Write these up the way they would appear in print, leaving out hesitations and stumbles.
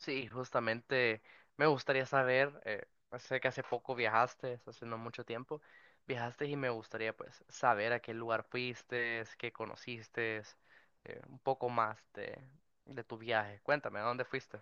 Sí, justamente me gustaría saber, pues, sé que hace poco viajaste, hace no mucho tiempo, viajaste y me gustaría pues saber a qué lugar fuiste, qué conociste, un poco más de tu viaje. Cuéntame, ¿a dónde fuiste?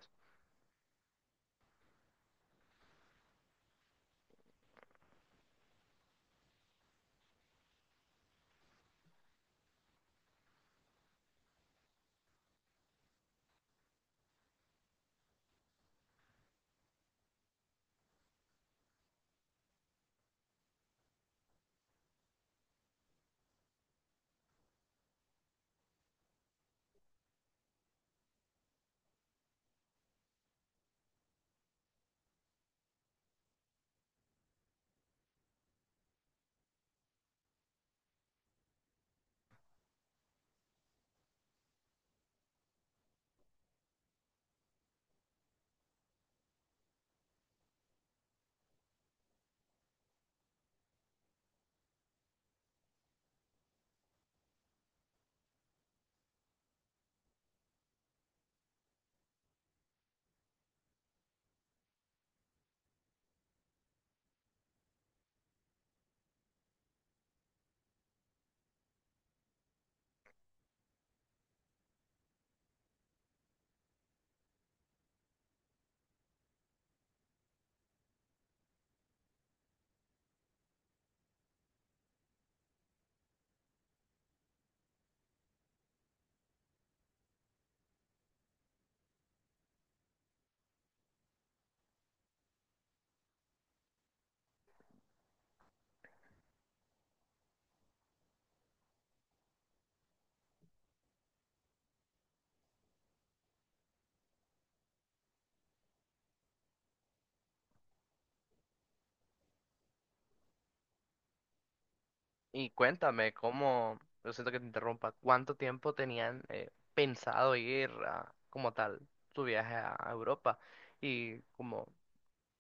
Y cuéntame cómo, lo siento que te interrumpa, ¿cuánto tiempo tenían pensado ir a, como tal tu viaje a Europa? Y como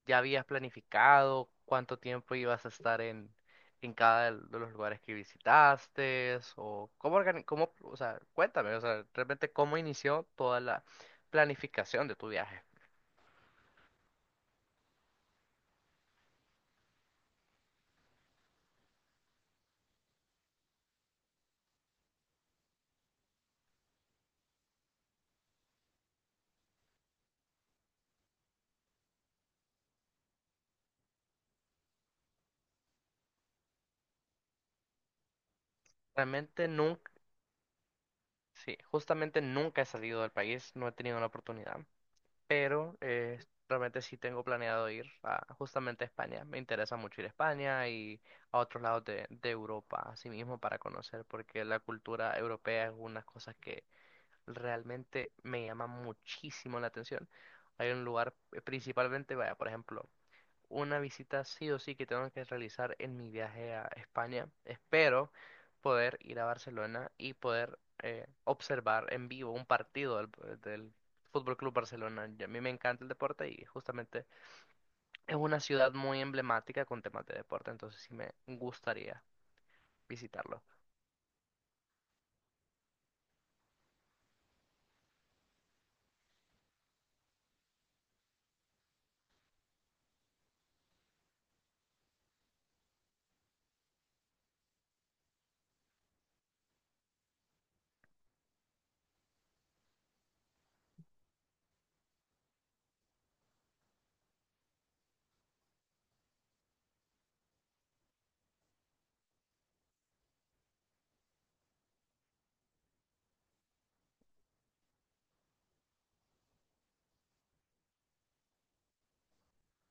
¿ya habías planificado cuánto tiempo ibas a estar en cada de los lugares que visitaste? ¿O cómo, cómo, o sea, cuéntame, o sea, realmente cómo inició toda la planificación de tu viaje? Realmente nunca, sí, justamente nunca he salido del país, no he tenido la oportunidad, pero realmente sí tengo planeado ir a, justamente a España. Me interesa mucho ir a España y a otros lados de Europa, así mismo, para conocer, porque la cultura europea es una cosa que realmente me llama muchísimo la atención. Hay un lugar, principalmente, vaya, por ejemplo, una visita sí o sí que tengo que realizar en mi viaje a España. Espero poder ir a Barcelona y poder observar en vivo un partido del, del Fútbol Club Barcelona. Y a mí me encanta el deporte y justamente es una ciudad muy emblemática con temas de deporte, entonces sí me gustaría visitarlo.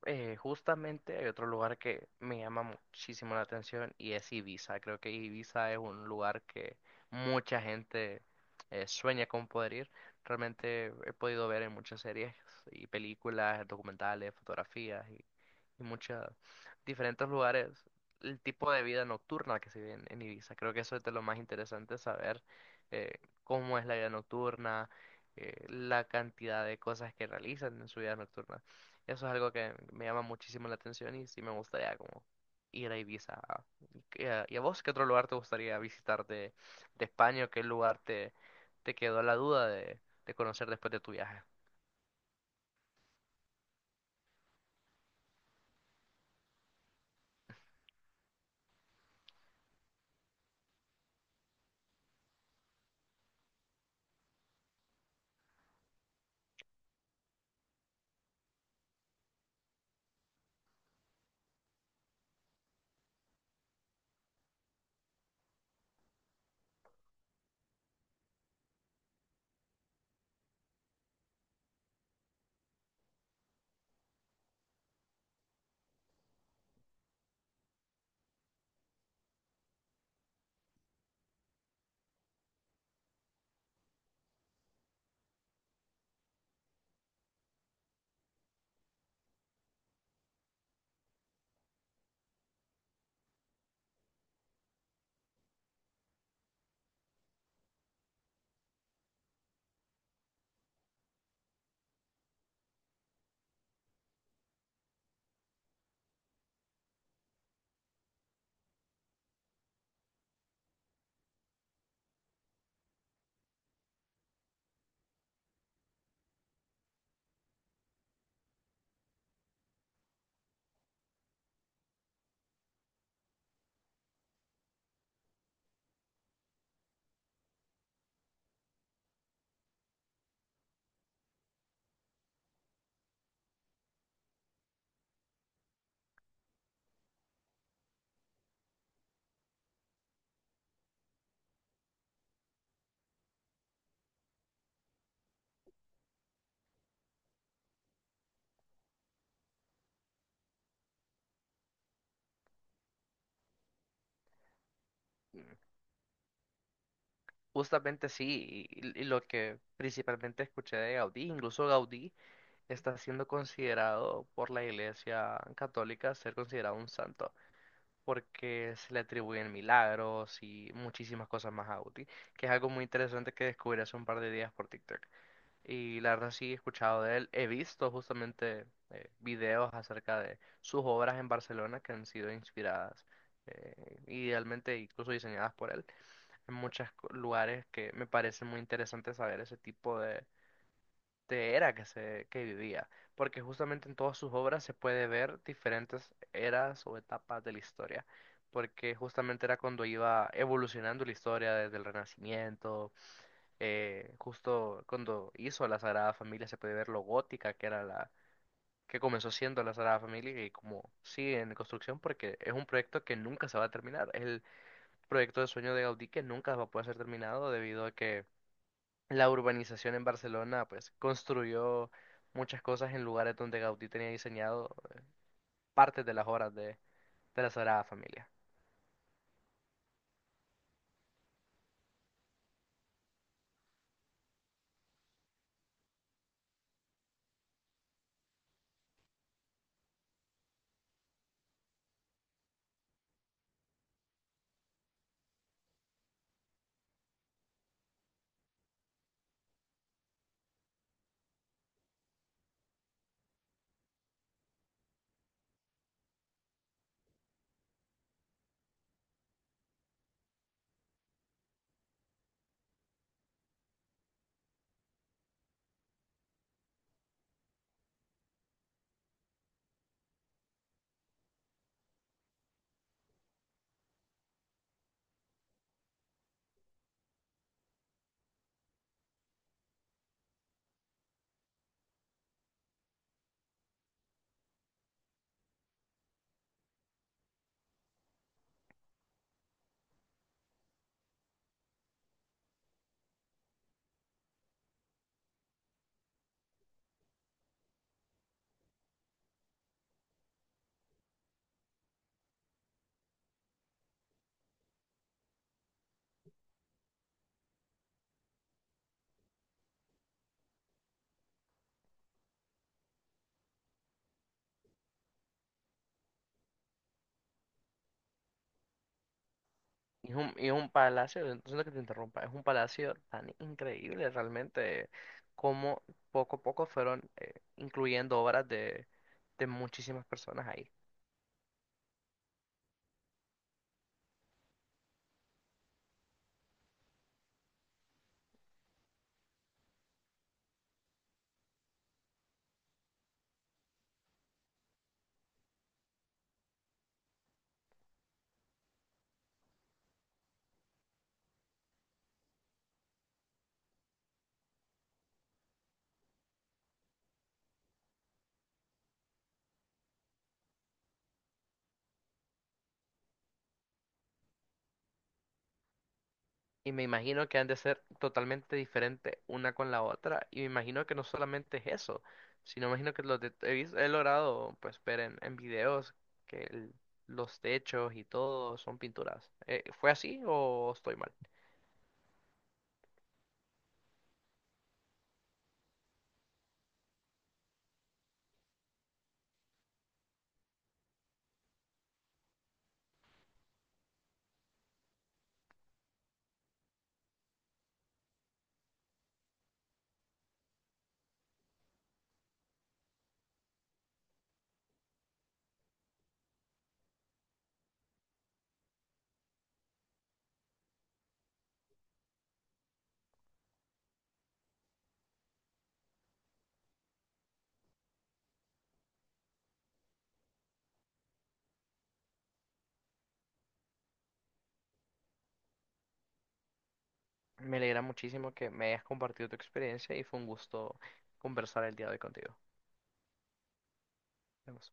Justamente hay otro lugar que me llama muchísimo la atención y es Ibiza. Creo que Ibiza es un lugar que mucha gente sueña con poder ir. Realmente he podido ver en muchas series y películas, documentales, fotografías y muchos diferentes lugares el tipo de vida nocturna que se vive en Ibiza. Creo que eso es de lo más interesante, saber eh, cómo es la vida nocturna, la cantidad de cosas que realizan en su vida nocturna. Eso es algo que me llama muchísimo la atención y sí me gustaría como ir a Ibiza. ¿Y a vos qué otro lugar te gustaría visitar de España o qué lugar te, te quedó la duda de conocer después de tu viaje? Mm, justamente sí, y lo que principalmente escuché de Gaudí, incluso Gaudí está siendo considerado por la Iglesia Católica ser considerado un santo, porque se le atribuyen milagros y muchísimas cosas más a Gaudí, que es algo muy interesante que descubrí hace un par de días por TikTok. Y la verdad sí he escuchado de él. He visto justamente videos acerca de sus obras en Barcelona que han sido inspiradas, idealmente incluso diseñadas por él en muchos lugares que me parece muy interesante saber ese tipo de era que se que vivía. Porque justamente en todas sus obras se puede ver diferentes eras o etapas de la historia. Porque justamente era cuando iba evolucionando la historia desde el Renacimiento justo cuando hizo la Sagrada Familia se puede ver lo gótica que era la que comenzó siendo la Sagrada Familia y como sigue en construcción porque es un proyecto que nunca se va a terminar. Es el proyecto de sueño de Gaudí que nunca va a poder ser terminado debido a que la urbanización en Barcelona pues construyó muchas cosas en lugares donde Gaudí tenía diseñado partes de las obras de la Sagrada Familia. Es un palacio, lo siento que te interrumpa, es un palacio tan increíble realmente como poco a poco fueron incluyendo obras de muchísimas personas ahí. Y me imagino que han de ser totalmente diferentes una con la otra. Y me imagino que no solamente es eso, sino me imagino que los he logrado pues ver en videos que los techos y todo son pinturas. ¿Fue así o estoy mal? Me alegra muchísimo que me hayas compartido tu experiencia y fue un gusto conversar el día de hoy contigo. Nos vemos.